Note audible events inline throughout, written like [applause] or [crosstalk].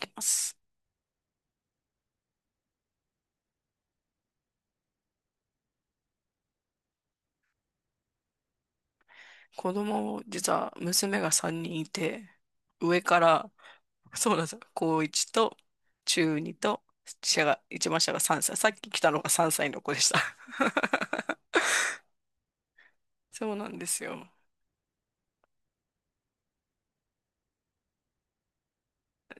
きます。子供を、実は娘が3人いて、上から、[laughs] そうなんですよ。高1と中2と、一番下が3歳。さっき来たのが3歳の子でした。[laughs] そうなんですよ。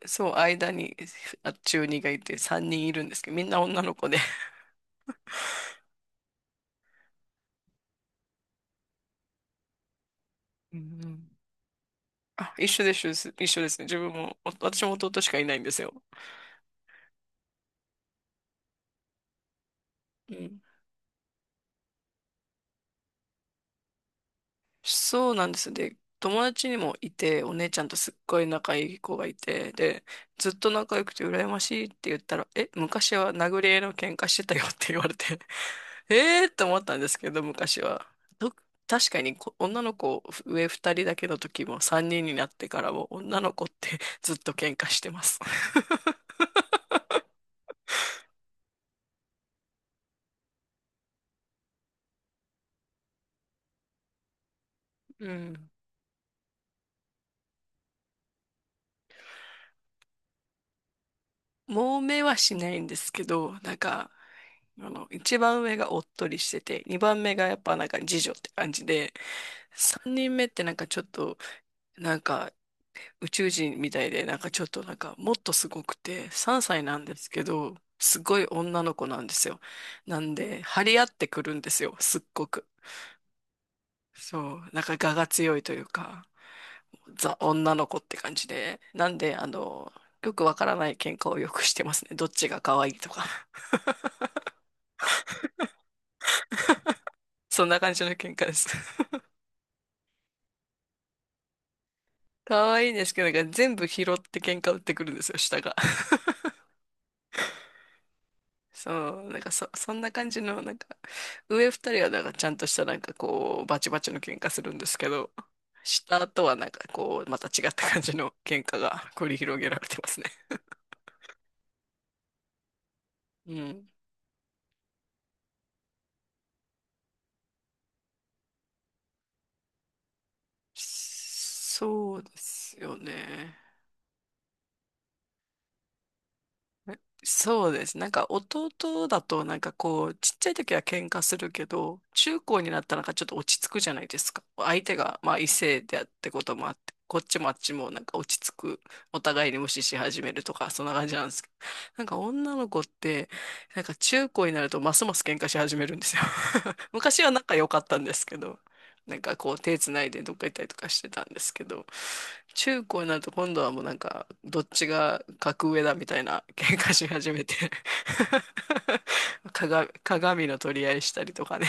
そう、間に中2がいて3人いるんですけど、みんな女の子で。うんうん。あ、一緒です、一緒です。一緒ですね。自分も、私も弟しかいないんですよ。うん。そうなんです。で、友達にもいて、お姉ちゃんとすっごい仲いい子がいて、で、ずっと仲良くて羨ましいって言ったら、え、昔は殴り合いの喧嘩してたよって言われて、[laughs] えーって思ったんですけど、昔は。と、確かに女の子上二人だけの時も三人になってからも女の子ってずっと喧嘩してます。[laughs] うん。[laughs] 揉めはしないんですけど、なんか、一番上がおっとりしてて、二番目がやっぱなんか次女って感じで、三人目ってなんかちょっと、なんか宇宙人みたいで、なんかちょっとなんかもっとすごくて、三歳なんですけど、すごい女の子なんですよ。なんで、張り合ってくるんですよ、すっごく。そう、なんか我が強いというか、ザ女の子って感じで、なんで、よくわからない喧嘩をよくしてますね。どっちが可愛いとか。[laughs] そんな感じの喧嘩です。可愛いんですけど、なんか全部拾って喧嘩売ってくるんですよ、下が。[laughs] そう、なんかそんな感じの、なんか、上二人はなんかちゃんとしたなんかこう、バチバチの喧嘩するんですけど、下とはなんかこう、また違った感じの喧嘩が繰り広げられてますね。うん。そうですよね。そうです。なんか弟だとなんかこうちっちゃい時は喧嘩するけど中高になったらなんかちょっと落ち着くじゃないですか。相手がまあ異性であってこともあってこっちもあっちもなんか落ち着く。お互いに無視し始めるとかそんな感じなんですけど、なんか女の子ってなんか中高になるとますます喧嘩し始めるんですよ。 [laughs] 昔は仲良かったんですけど、なんかこう手つないでどっか行ったりとかしてたんですけど、中高になると今度はもうなんかどっちが格上だみたいな喧嘩し始めて、 [laughs] 鏡の取り合いしたりとかね。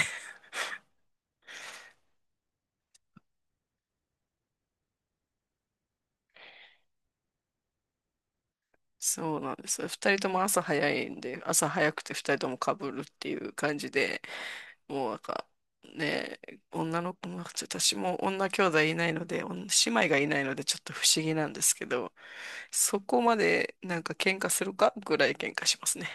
そうなんですよ。二人とも朝早いんで、朝早くて二人とも被るっていう感じで、もうなんか、ね、女の子も、ちょっと私も女兄弟いないので、姉妹がいないのでちょっと不思議なんですけど、そこまでなんか喧嘩するかぐらい喧嘩しますね。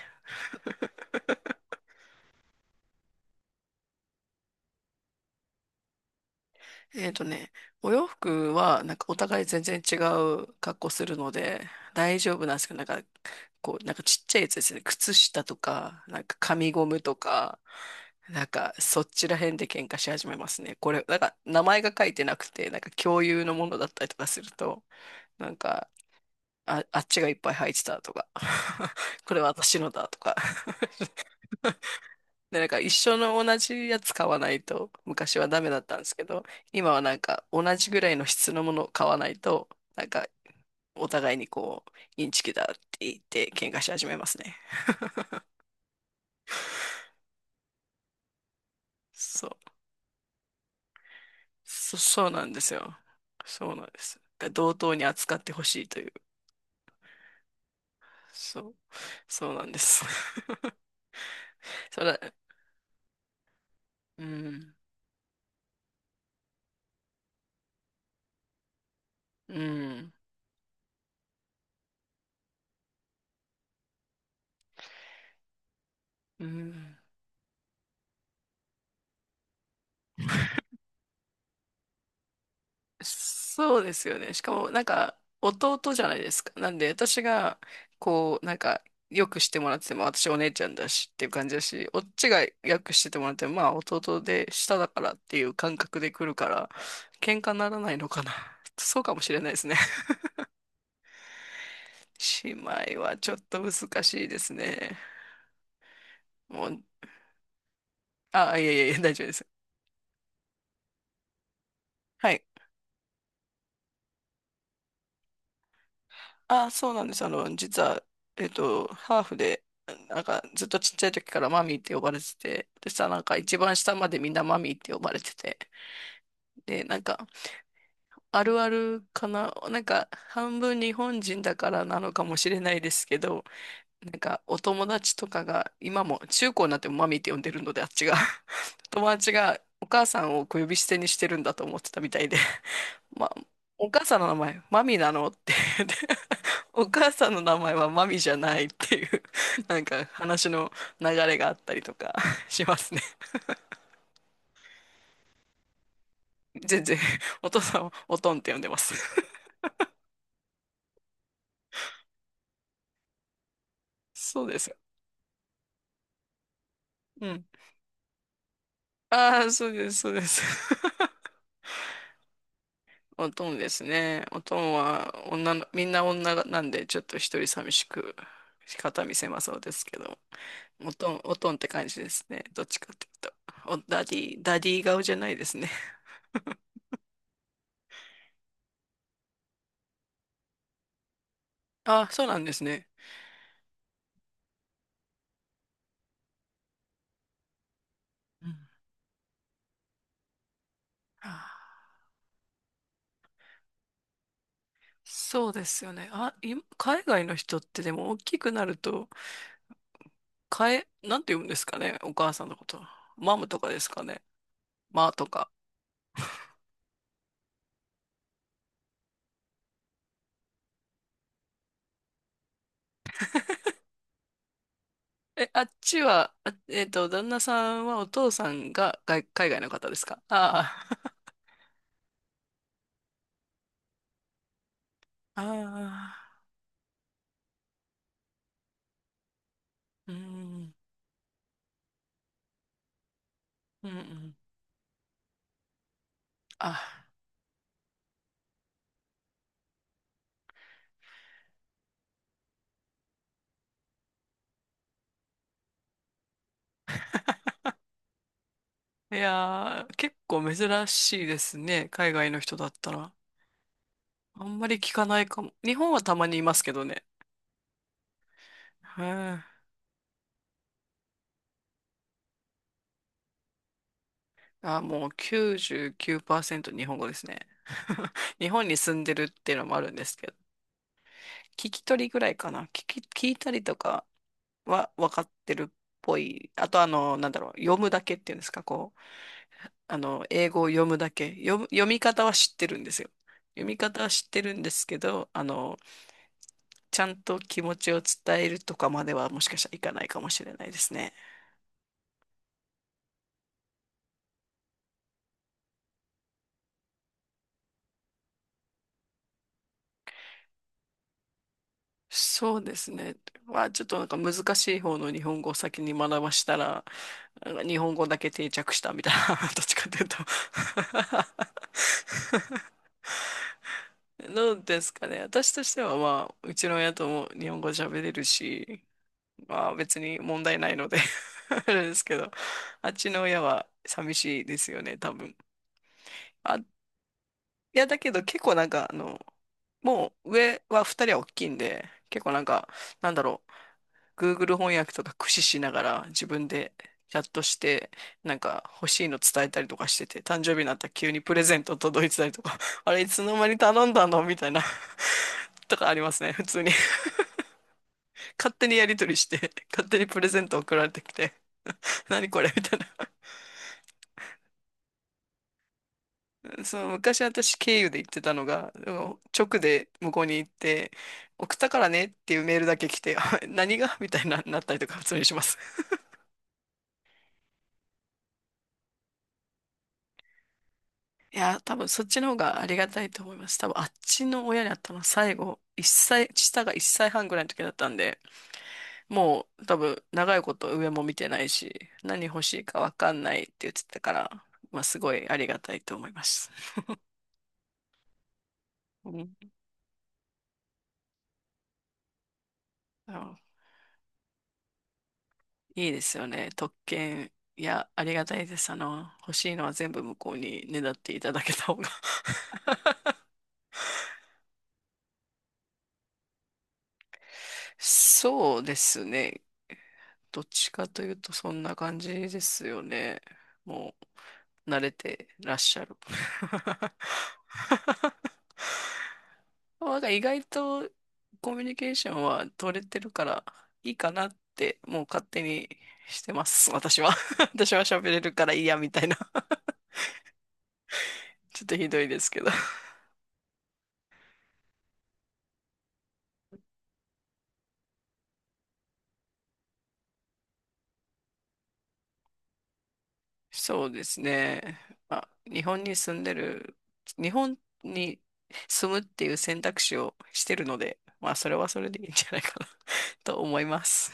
えっとね、お洋服は、なんかお互い全然違う格好するので、大丈夫なんですけど、なんか、こう、なんかちっちゃいやつですね。靴下とか、なんか紙ゴムとか、なんかそっちら辺で喧嘩し始めますね。これ、なんか名前が書いてなくて、なんか共有のものだったりとかすると、なんか、あっちがいっぱい入ってたとか、[laughs] これは私のだとか、 [laughs] で、なんか一緒の同じやつ買わないと、昔はダメだったんですけど、今はなんか同じぐらいの質のものを買わないと、なんかお互いにこう、インチキだって言って喧嘩し始めますね。そう。そうなんですよ。そうなんです。だから同等に扱ってほしいという。そう。そうなんです。[laughs] それ、うん、うん、うん。そうですよね。しかも、なんか、弟じゃないですか。なんで、私が、こう、なんか、よくしてもらってても、私お姉ちゃんだしっていう感じだし、おっちがよくしててもらっても、まあ、弟で下だからっていう感覚で来るから、喧嘩にならないのかな。[laughs] そうかもしれないですね。[laughs] 姉妹はちょっと難しいですね。もう、あ、いやいやいや、大丈夫です。はい。あ、そうなんです。あの、実は、ハーフで、なんかずっとちっちゃい時からマミーって呼ばれてて、でさ、なんか一番下までみんなマミーって呼ばれてて、で、なんか、あるあるかな、なんか、半分日本人だからなのかもしれないですけど、なんか、お友達とかが、今も、中高になってもマミーって呼んでるので、あっちが、[laughs] 友達がお母さんを小呼び捨てにしてるんだと思ってたみたいで、ま、お母さんの名前、マミなのってで、 [laughs] お母さんの名前はマミじゃないっていう、なんか話の流れがあったりとか、 [laughs] しますね。全然、お父さんをおとんって呼んでます。[laughs] そうです。うん。ああ、そうです、そうです。[laughs] おとんですね。おとんはみんな女なんで、ちょっと一人寂しく、肩見せまそうですけど、おとん、おとんって感じですね。どっちかっていうと。ダディ、ダディ顔じゃないですね。あ、そうなんですね。うん。あ、そうですよね。あ、海外の人ってでも大きくなると、なんて言うんですかね、お母さんのこと。マムとかですかね。マーとか。あっちは、旦那さんはお父さんが海外の方ですかああ。[laughs] ああ、うん、うん、うん。あ、いやー、結構珍しいですね。海外の人だったら。あんまり聞かないかも。日本はたまにいますけどね。へえ。あ、もう99%日本語ですね。[laughs] 日本に住んでるっていうのもあるんですけど、聞き取りぐらいかな。聞いたりとかは分かってるっぽい。あと、あの、なんだろう、読むだけっていうんですか、こう、英語を読むだけ。読み方は知ってるんですよ。読み方は知ってるんですけど、ちゃんと気持ちを伝えるとかまではもしかしたらいかないかもしれないですね。そうですね。まあちょっとなんか難しい方の日本語を先に学ばしたら、なんか日本語だけ定着したみたいな、[laughs] どっちかというと、 [laughs] どうですかね。私としては、まあ、うちの親とも日本語喋れるし、まあ別に問題ないので、 [laughs] あれですけど、あっちの親は寂しいですよね、多分。あ、いや、だけど結構なんか、もう上は二人は大きいんで、結構なんか、なんだろう。Google 翻訳とか駆使しながら自分でチャットして、なんか欲しいの伝えたりとかしてて、誕生日になったら急にプレゼント届いてたりとか、[laughs] あれいつの間に頼んだのみたいな、 [laughs]、とかありますね、普通に。勝手にやり取りして、勝手にプレゼント送られてきて、何これみたいな。その昔私経由で言ってたのが、でも直で向こうに行って、送ったからねっていうメールだけ来て、あ何がみたいな、なったりとか普通にします。いや、多分そっちの方がありがたいと思います。多分あっちの親に会ったのは最後、下が1歳半ぐらいの時だったんで、もう多分長いこと上も見てないし、何欲しいかわかんないって言ってたから、まあすごいありがたいと思います。うん、あのいいですよね。特権。いや、ありがたいです。欲しいのは全部向こうにねだっていただけた方が、 [laughs] そうですね。どっちかというとそんな感じですよね。もう、慣れてらっしゃる。[laughs] なんか意外とコミュニケーションは取れてるからいいかなってもう勝手にしてます。私は。[laughs] 私は喋れるからいいやみたいな。[laughs] ちょっとひどいですけど。そうですね。まあ、日本に住むっていう選択肢をしてるので、まあ、それはそれでいいんじゃないかな、 [laughs] と思います。